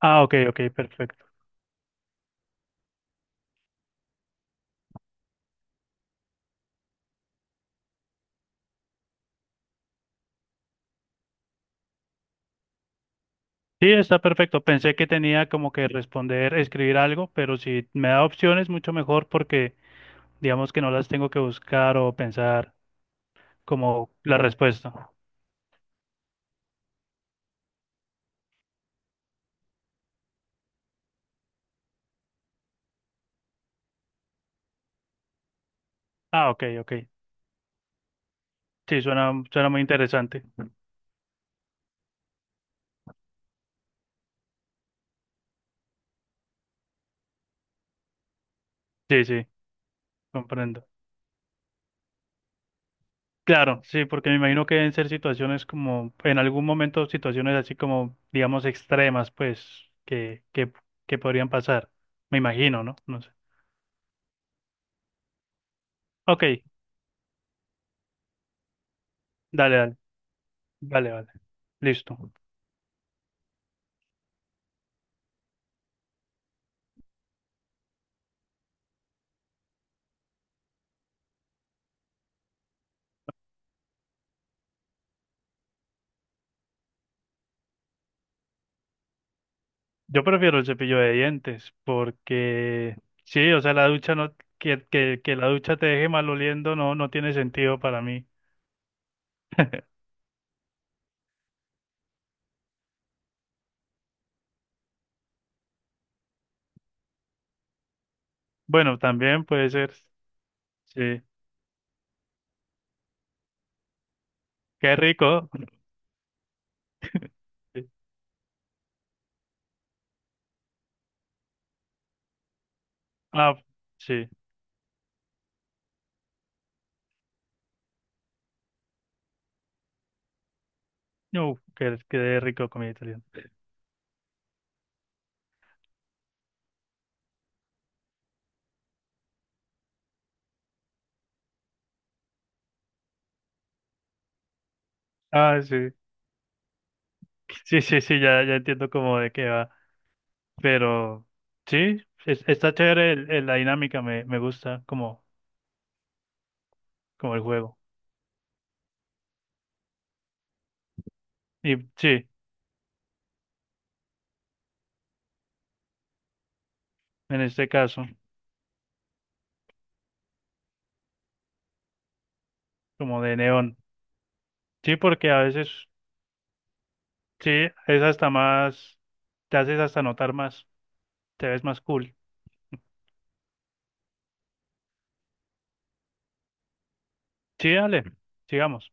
Ah, ok, ok, perfecto. Sí, está perfecto. Pensé que tenía como que responder, escribir algo, pero si me da opciones, mucho mejor porque digamos que no las tengo que buscar o pensar como la respuesta. Ah, ok, ok. Sí, suena muy interesante. Sí, sí, comprendo. Claro, sí, porque me imagino que deben ser situaciones como, en algún momento, situaciones así como, digamos, extremas, pues, que podrían pasar. Me imagino, ¿no? No sé. Ok, dale, dale, vale, vale. Listo. Yo prefiero el cepillo de dientes porque sí, o sea, la ducha no, que la ducha te deje maloliendo no, no tiene sentido para mí. Bueno, también puede ser, sí. Qué rico. Sí. Ah, sí. No, qué rico comida italiana. Ah, sí. Sí, sí, sí, ya, ya entiendo como de qué va. Pero sí, está chévere la dinámica, me gusta como, como el juego. Y sí, en este caso, como de neón. Sí, porque a veces sí, es hasta más, te haces hasta notar más, te ves más cool. Sí, dale, sigamos.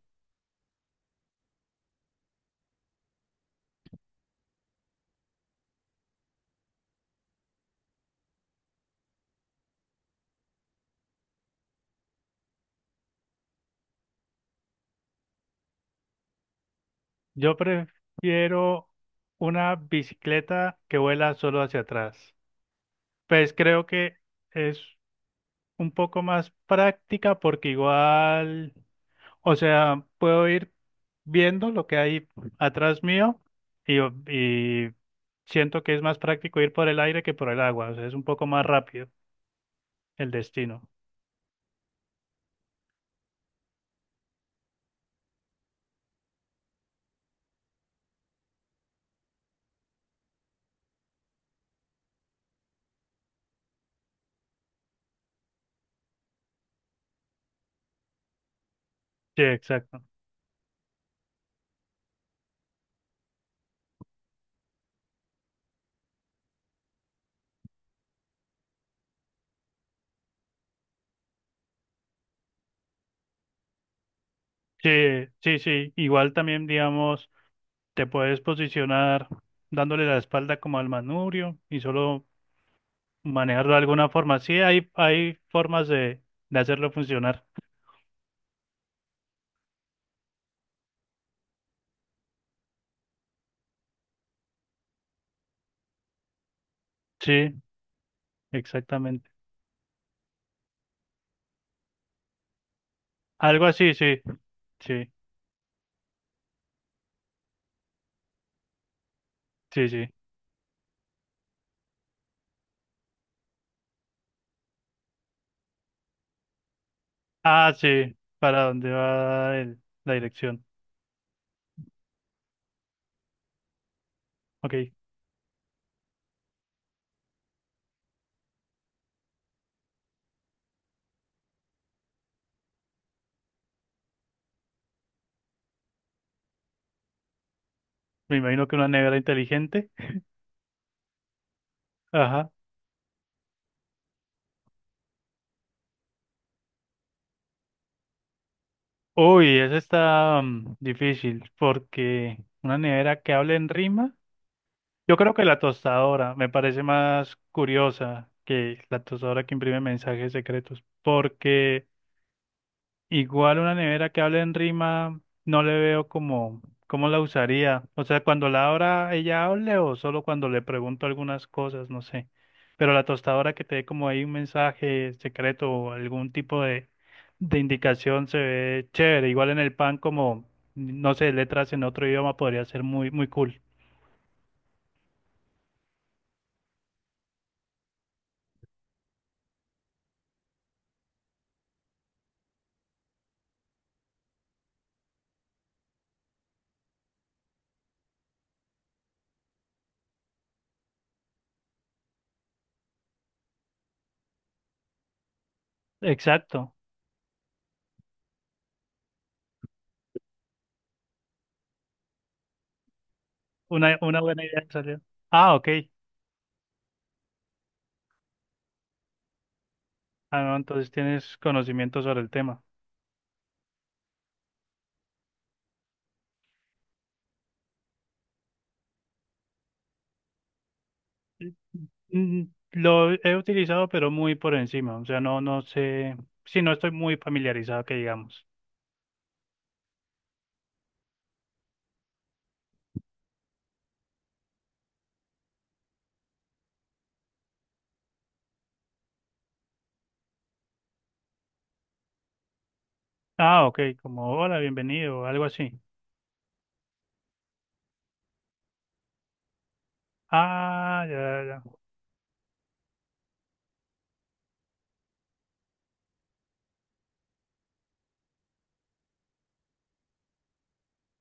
Yo prefiero una bicicleta que vuela solo hacia atrás. Pues creo que es un poco más práctica porque igual, o sea, puedo ir viendo lo que hay atrás mío y, y siento que es más práctico ir por el aire que por el agua, o sea, es un poco más rápido el destino. Sí, exacto. Sí, sí, sí. Igual también, digamos, te puedes posicionar dándole la espalda como al manubrio y solo manejarlo de alguna forma. Sí, hay formas de hacerlo funcionar. Sí, exactamente. Algo así, sí. Sí, sí, sí. Ah, sí. ¿Para dónde va la dirección? Ok. Me imagino que una nevera inteligente. Ajá. Uy, esa está mm, difícil porque una nevera que hable en rima. Yo creo que la tostadora me parece más curiosa que la tostadora que imprime mensajes secretos, porque igual una nevera que hable en rima no le veo como cómo la usaría. O sea, cuando la abra ella hable o solo cuando le pregunto algunas cosas, no sé. Pero la tostadora que te dé como ahí un mensaje secreto o algún tipo de indicación se ve chévere. Igual en el pan como, no sé, letras en otro idioma podría ser muy, muy cool. Exacto. Una buena idea te salió. Ah, ok. Ah, no, entonces tienes conocimiento sobre el tema. Mm, lo he utilizado, pero muy por encima. O sea, no, no sé. Sí, no estoy muy familiarizado, que digamos. Ah, ok. Como hola, bienvenido, o algo así. Ah, ya, ya, ya.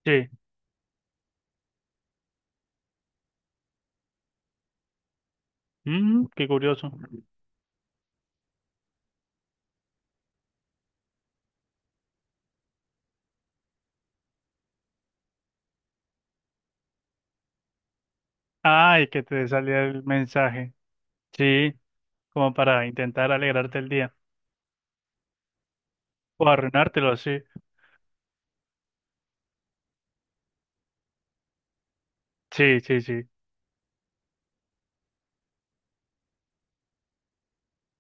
Sí. Mm, qué curioso. Ay, que te salía el mensaje. Sí, como para intentar alegrarte el día. O arruinártelo, sí. Sí, sí, sí.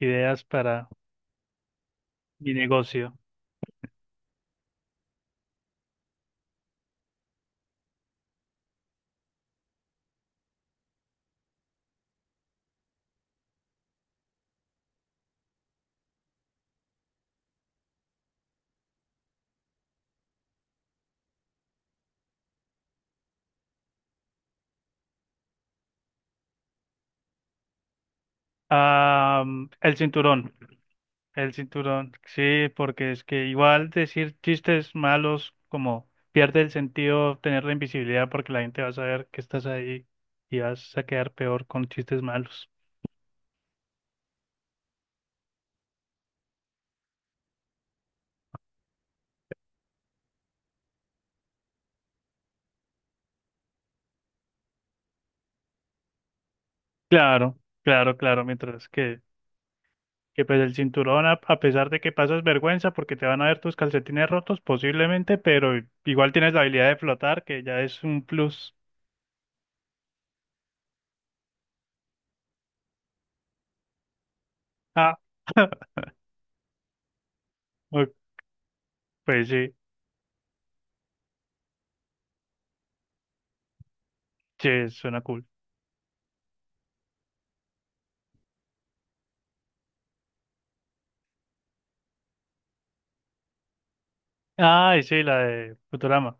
Ideas para mi negocio. Ah, el cinturón, el cinturón, sí, porque es que igual decir chistes malos como pierde el sentido tener la invisibilidad porque la gente va a saber que estás ahí y vas a quedar peor con chistes malos. Claro, claro, claro, mientras que pues el cinturón, a pesar de que pasas vergüenza porque te van a ver tus calcetines rotos posiblemente, pero igual tienes la habilidad de flotar, que ya es un plus. Ah, ok, pues sí, sí, suena cool. Ay, sí, la de Futurama.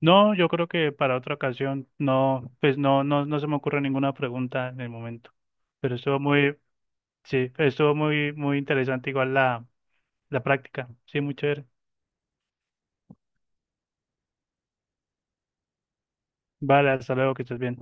No, yo creo que para otra ocasión no, pues no, no, no se me ocurre ninguna pregunta en el momento. Pero estuvo muy, sí, estuvo muy, muy interesante igual la, la práctica. Sí, muy chévere. Vale, hasta luego, que estés bien.